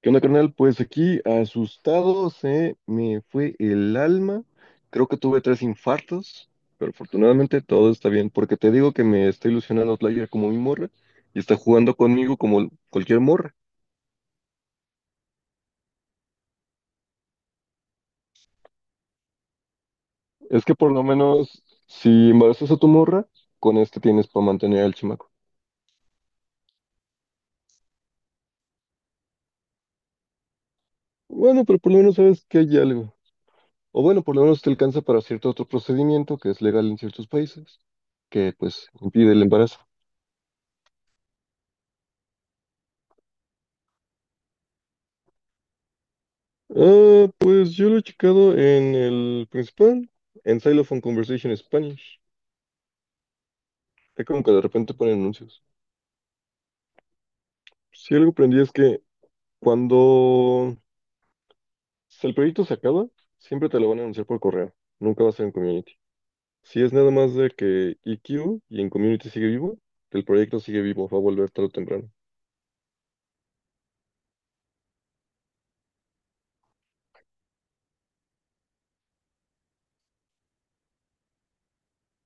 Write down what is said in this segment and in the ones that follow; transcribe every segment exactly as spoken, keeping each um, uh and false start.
¿Qué onda, carnal? Pues aquí, asustado, se me fue el alma. Creo que tuve tres infartos, pero afortunadamente todo está bien, porque te digo que me está ilusionando Outlier como mi morra y está jugando conmigo como cualquier morra. Es que por lo menos, si embarazas a tu morra, con este tienes para mantener al chamaco. Bueno, pero por lo menos sabes que hay algo. O bueno, por lo menos te alcanza para cierto otro procedimiento que es legal en ciertos países, que pues impide el embarazo. Ah, pues yo lo he checado en el principal, en Xylophone Conversation Spanish. Es como que de repente ponen anuncios. Si algo aprendí es que cuando si el proyecto se acaba, siempre te lo van a anunciar por correo. Nunca va a ser en community. Si es nada más de que E Q y en community sigue vivo, el proyecto sigue vivo, va a volver tarde o temprano.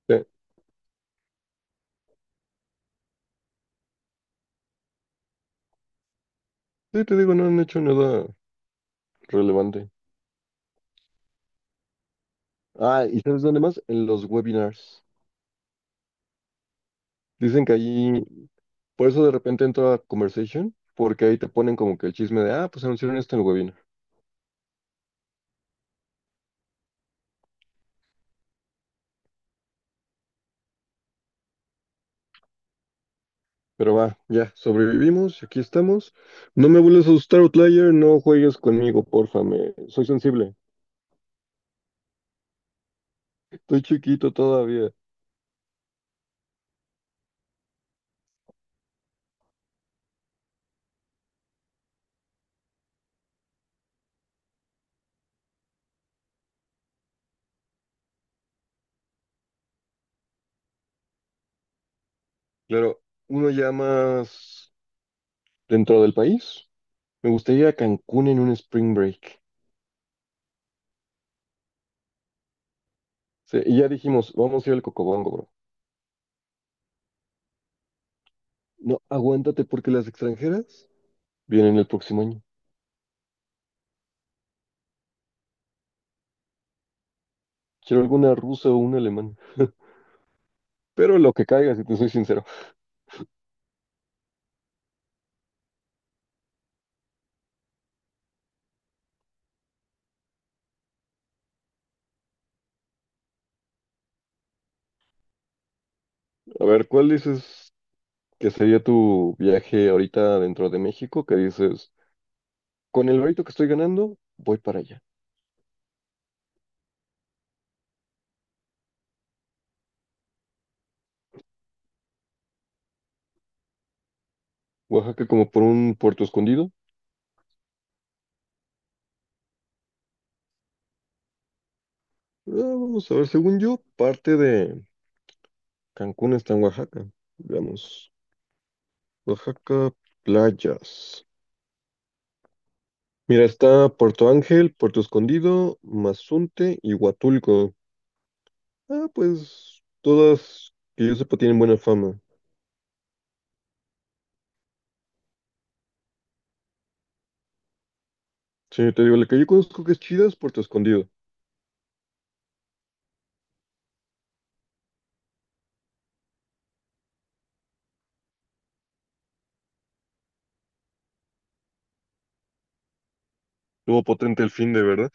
Sí, sí, te digo, no han hecho nada relevante. Ah, ¿y sabes dónde más? En los webinars. Dicen que allí, por eso de repente entro a Conversation, porque ahí te ponen como que el chisme de, ah, pues anunciaron esto en el webinar. Pero va, ya, sobrevivimos, aquí estamos. No me vuelvas a asustar, Outlier, no juegues conmigo, porfa, me... soy sensible. Estoy chiquito todavía. Claro, uno ya más dentro del país. Me gustaría ir a Cancún en un spring break. Sí, y ya dijimos, vamos a ir al Cocobongo, bro. No, aguántate porque las extranjeras vienen el próximo año. Quiero alguna rusa o una alemana. Pero lo que caiga, si te soy sincero. A ver, ¿cuál dices que sería tu viaje ahorita dentro de México? Que dices, con el barito que estoy ganando, voy para allá. Oaxaca como por un puerto escondido. Ah, vamos a ver, según yo, parte de Cancún está en Oaxaca. Veamos, Oaxaca, playas. Mira, está Puerto Ángel, Puerto Escondido, Mazunte y Huatulco. Ah, pues todas que yo sepa tienen buena fama. Sí, te digo, la que yo conozco que es chida es Puerto Escondido. Estuvo potente el fin de, ¿verdad?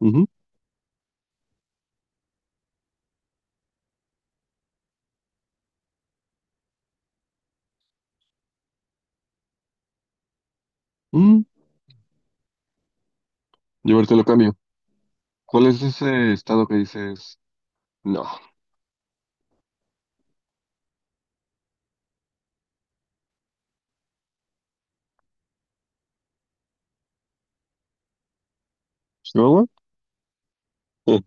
Ujú. Mm, yo ahorita lo cambio. ¿Cuál es ese estado que dices? No. ¿Chihuahua? Eh,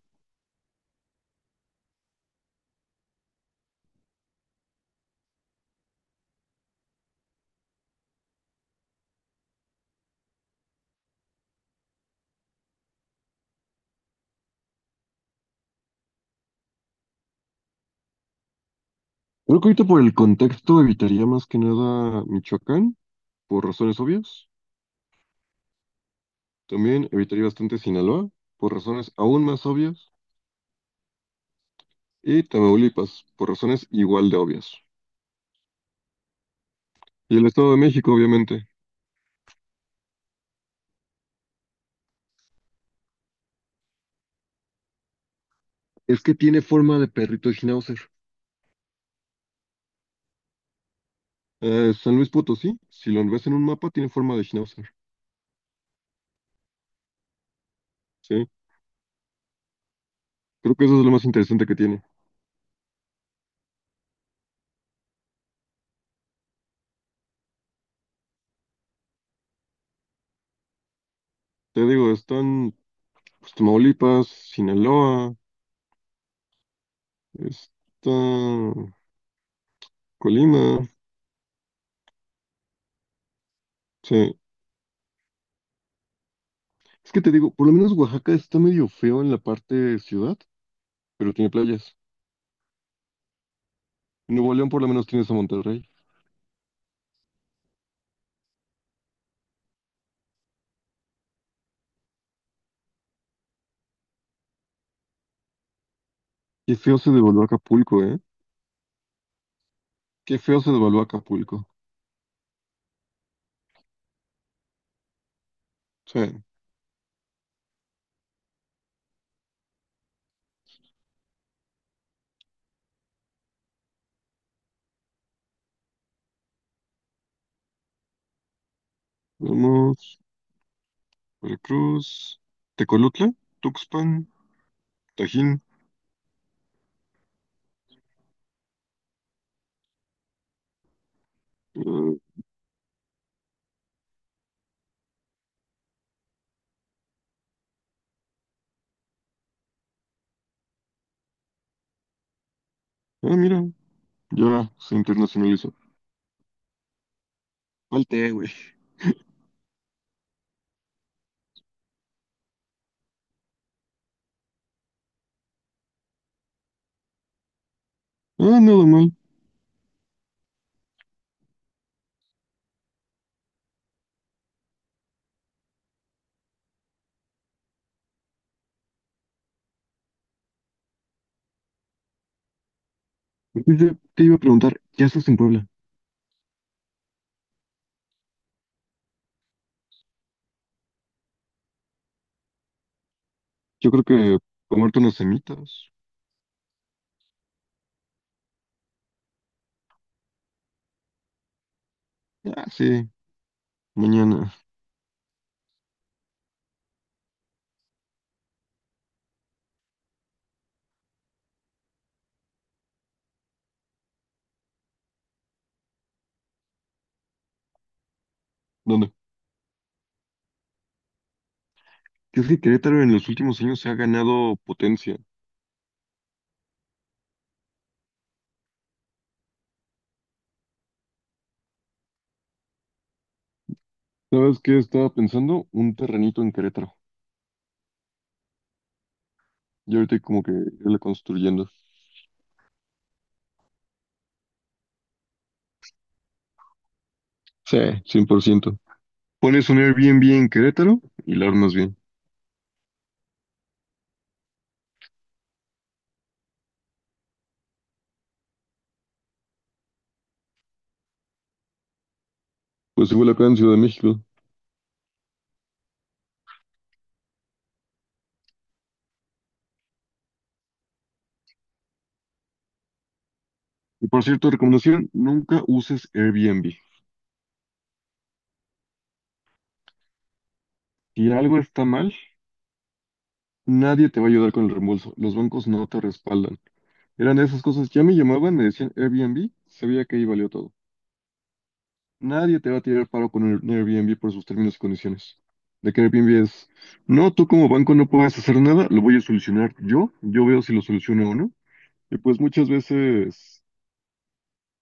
Creo que ahorita por el contexto evitaría más que nada Michoacán, por razones obvias. También evitaría bastante Sinaloa, por razones aún más obvias. Y Tamaulipas, por razones igual de obvias. Y el Estado de México, obviamente. Es que tiene forma de perrito de Schnauzer. Eh, San Luis Potosí, si lo ves en un mapa, tiene forma de Schnauzer. Sí, creo que eso es lo más interesante que tiene. Te digo, están pues, Tamaulipas, Sinaloa. Está Colima, sí. Es que te digo, por lo menos Oaxaca está medio feo en la parte ciudad, pero tiene playas. Nuevo León por lo menos tienes a Monterrey. Qué feo se devaluó Acapulco, ¿eh? Qué feo se devaluó Acapulco. Sí. Vamos, Veracruz, Tecolutla, Tuxpan, Tajín. Eh, ah, mira, ya se internacionalizó. Falté, güey. Ah, nada mal. Yo te iba a preguntar, ¿qué haces en Puebla? Yo creo que comerte unas semitas. Ah, sí. Mañana. ¿Dónde? Que es que Querétaro en los últimos años se ha ganado potencia. ¿Sabes qué estaba pensando? Un terrenito en Querétaro. Y ahorita como que irle construyendo. Sí, cien por ciento. Pones un Airbnb en Querétaro y lo armas bien. Pues igual acá en Ciudad de México. Y por cierto, recomendación, nunca uses Airbnb. Si algo está mal, nadie te va a ayudar con el reembolso. Los bancos no te respaldan. Eran de esas cosas. Ya me llamaban, me decían Airbnb, sabía que ahí valió todo. Nadie te va a tirar paro con Air- Airbnb por sus términos y condiciones. De que Airbnb es, no, tú como banco no puedes hacer nada, lo voy a solucionar yo, yo veo si lo soluciono o no. Y pues muchas veces,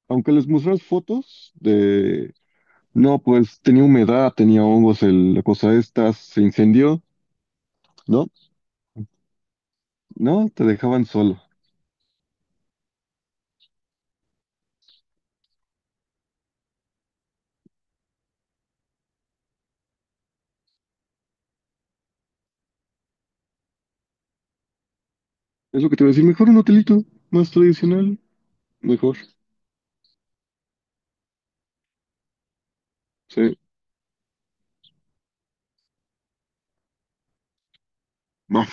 aunque les muestras fotos de, no, pues tenía humedad, tenía hongos, el- la cosa esta, se incendió, no, no, te dejaban solo. Es lo que te voy a decir, mejor un hotelito más tradicional, mejor, sí. Va.